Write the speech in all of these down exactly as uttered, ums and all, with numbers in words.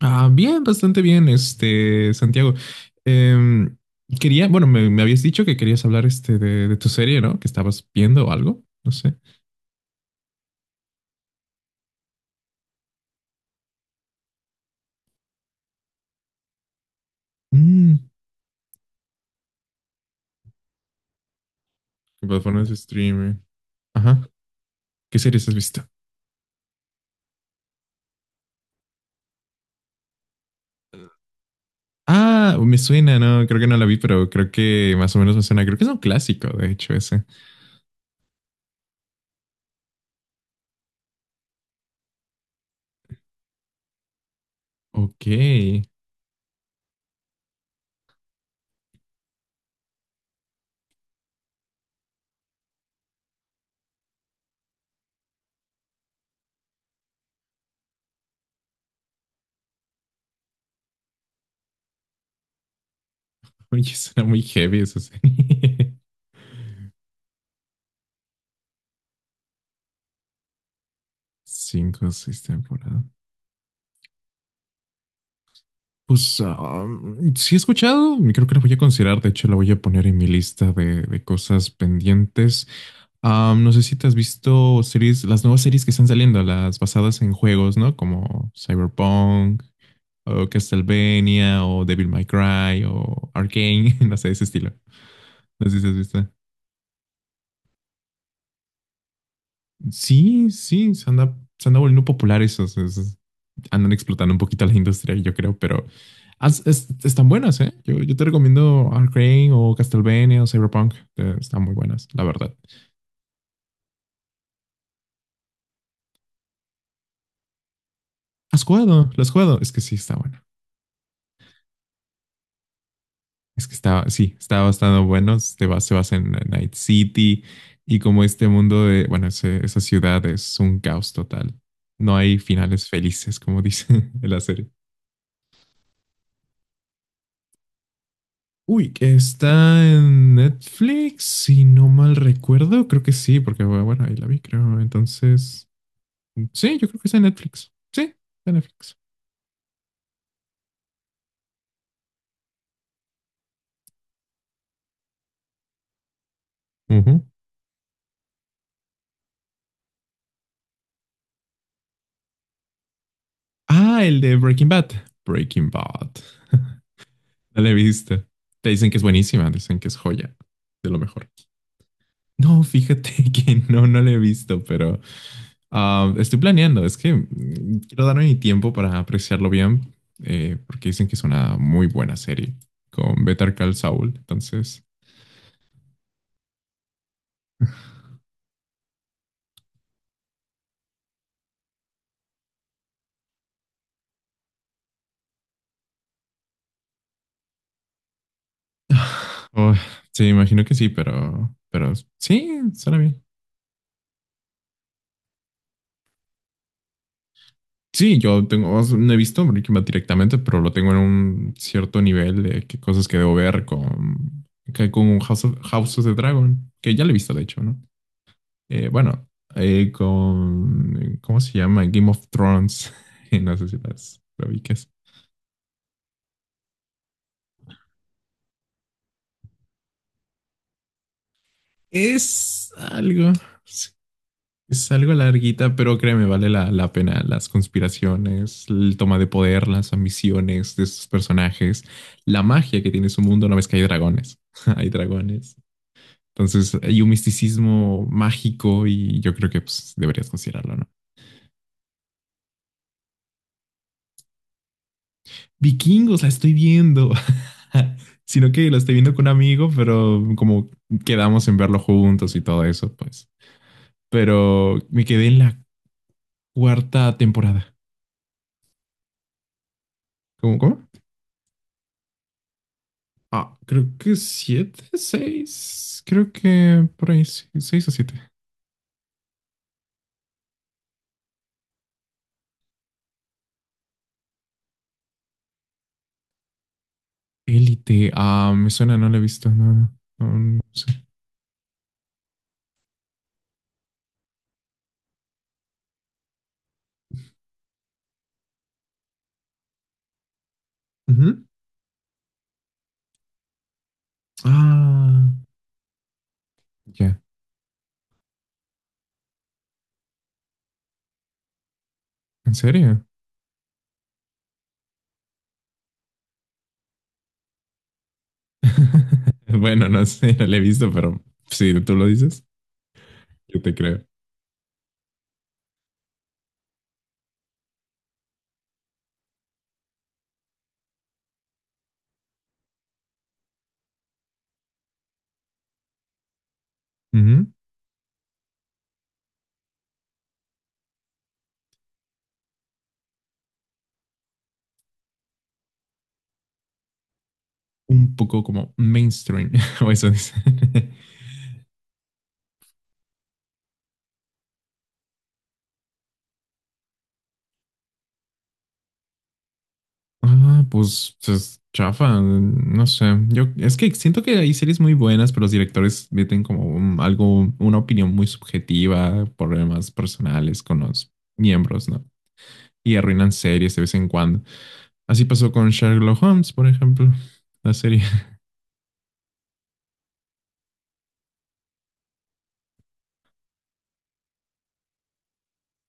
Ah, bien, bastante bien, este, Santiago. Em, quería, bueno, me, me habías dicho que querías hablar este de, de tu serie, ¿no? Que estabas viendo o algo, no sé. Mm, ¿qué plataformas de streaming? Ajá. ¿Qué series has visto? Ah, me suena, no, creo que no la vi, pero creo que más o menos me suena. Creo que es un clásico, de hecho, ese. Ok. Oye, suena muy heavy esa serie. Cinco, seis temporadas. Pues ah, sí he escuchado, creo que la voy a considerar, de hecho la voy a poner en mi lista de, de cosas pendientes. Ah, no sé si te has visto series, las nuevas series que están saliendo, las basadas en juegos, ¿no? Como Cyberpunk o Castlevania o Devil May Cry o Arcane, no sé, ese estilo. No sé si has visto. Sí, sí, se anda, se anda volviendo popular esos, esos. Andan explotando un poquito la industria, yo creo, pero as- es- están buenas, ¿eh? Yo, yo te recomiendo Arcane o Castlevania o Cyberpunk. Eh, están muy buenas, la verdad. ¿Has jugado? ¿Lo has jugado? Es que sí, está bueno. Es que está, sí, está bastante bueno. Se basa, se basa en Night City y como este mundo de, bueno, ese- esa ciudad es un caos total. No hay finales felices, como dice en la serie. Uy, que está en Netflix, si no mal recuerdo, creo que sí, porque bueno, ahí la vi, creo. Entonces, sí, yo creo que está en Netflix. Sí, está en Netflix. Ujú. Ah, el de Breaking Bad. Breaking Bad. No la he visto. Te dicen que es buenísima, dicen que es joya, de lo mejor. No, fíjate que no, no la he visto, pero ah, estoy planeando. Es que mm, quiero darme mi tiempo para apreciarlo bien, eh, porque dicen que es una muy buena serie con Better Call Saul. Entonces. Oh, sí, imagino que sí, pero, pero sí, suena bien. Sí, yo tengo, no he visto Breaking Bad directamente, pero lo tengo en un cierto nivel de qué cosas que debo ver con, que con House of, House of the Dragon, que ya lo he visto de hecho, ¿no? Eh, bueno, eh, con, ¿cómo se llama? Game of Thrones. No sé si las lo ubiques. Es algo. Sí. Es algo larguita, pero créeme, vale la, la pena. Las conspiraciones, el toma de poder, las ambiciones de sus personajes, la magia que tiene su mundo una vez que hay dragones. Hay dragones. Entonces hay un misticismo mágico y yo creo que pues, deberías considerarlo, ¿no? Vikingos, la estoy viendo. Sino que la estoy viendo con un amigo, pero como quedamos en verlo juntos y todo eso, pues. Pero me quedé en la cuarta temporada. ¿Cómo? ¿Cómo? Ah, creo que siete, seis. Creo que por ahí sí, seis o siete. Élite. Ah, me suena, no la he visto. No, no, no, no sé. Ujú. Ah, ya. ¿En serio? Bueno, no sé, no la he visto, pero si tú lo dices, yo te creo. Ujú. Un poco como mainstream, o eso dice. Ah, pues es chafa, no sé. Yo es que siento que hay series muy buenas, pero los directores meten como un- algo, una opinión muy subjetiva, problemas personales con los miembros, ¿no? Y arruinan series de vez en cuando. Así pasó con Sherlock Holmes, por ejemplo, la serie.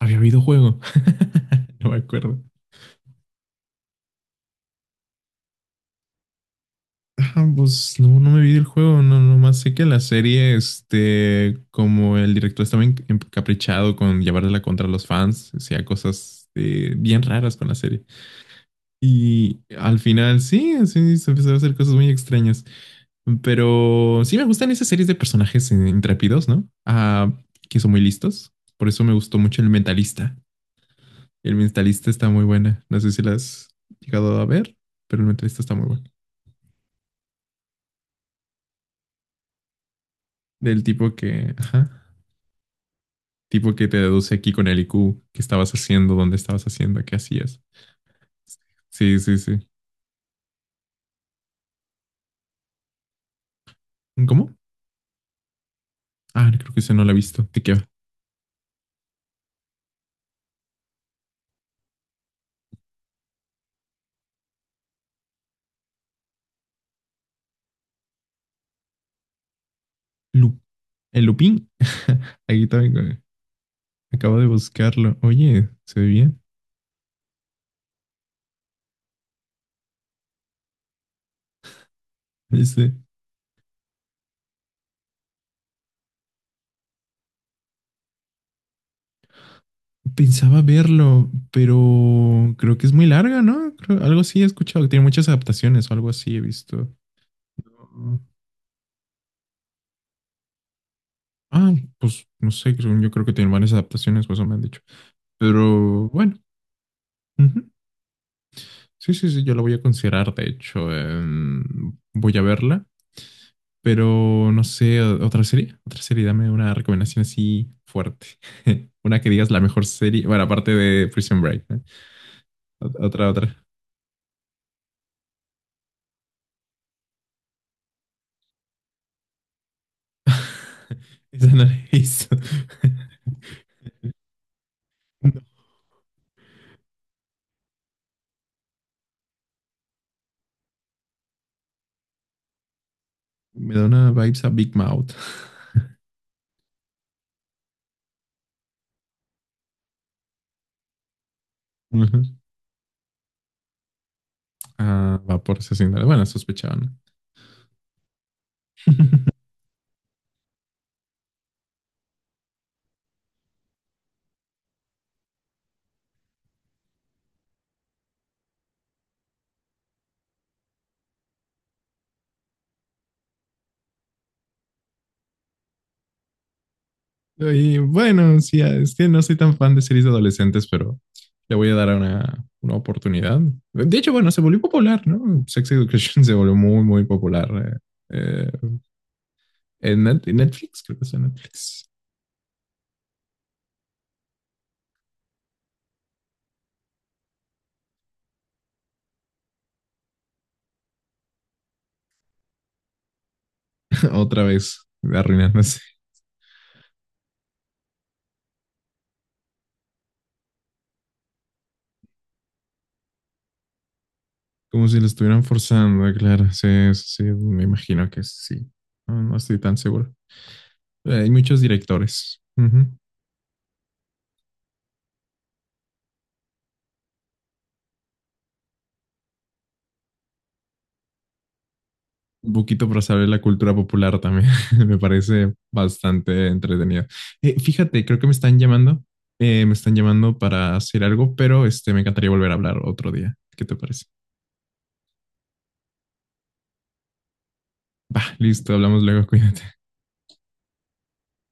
Había videojuego. No me acuerdo. Ah, pues no, no me vi el juego, no, nomás sé que la serie, este, como el director estaba en- encaprichado con llevarla contra los fans, hacía cosas eh, bien raras con la serie. Y al final, sí, sí, se empezó a hacer cosas muy extrañas. Pero sí me gustan esas series de personajes eh, intrépidos, ¿no? Ah, que son muy listos. Por eso me gustó mucho El Mentalista. El Mentalista está muy buena. No sé si la has llegado a ver, pero El Mentalista está muy bueno. Del tipo que, ajá. Tipo que te deduce aquí con el I Q, qué estabas haciendo, dónde estabas haciendo, qué hacías. Sí, sí, sí. ¿Cómo? Ah, creo que ese no lo he visto. ¿De qué va? Lu- ¿El Lupin? Aquí también eh, acabo de buscarlo. Oye, ¿se ve bien? Este, pensaba verlo, pero creo que es muy larga, ¿no? Creo- algo así he escuchado, que tiene muchas adaptaciones o algo así he visto. Ah, pues no sé, creo- yo creo que tiene varias adaptaciones, pues eso me han dicho. Pero bueno. Ujú. Sí, sí, sí, yo la voy a considerar, de hecho, em, voy a verla, pero no sé, otra serie, otra serie, dame una recomendación así fuerte, una que digas la mejor serie, bueno, aparte de Prison Break, ¿eh? Ot- Otra, otra. Esa no la he visto. No, me da una vibes a Big Mouth. Ujú. Ah, va por asesinato. Bueno, sospechaba. Y bueno, sí, es que no soy tan fan de series de adolescentes, pero le voy a dar una, una oportunidad. De hecho, bueno, se volvió popular, ¿no? Sex Education se volvió muy, muy popular. eh, eh, en Net- en Netflix, creo que es en Netflix. Otra vez, arruinándose. Como si lo estuvieran forzando, eh, claro. Sí, sí, sí, me imagino que sí. No, no estoy tan seguro. Eh, Hay muchos directores. Ujú. Un poquito para saber la cultura popular también. Me parece bastante entretenido. Eh, fíjate, creo que me están llamando. Eh, me están llamando para hacer algo, pero este, me encantaría volver a hablar otro día. ¿Qué te parece? Va, listo, hablamos luego, cuídate.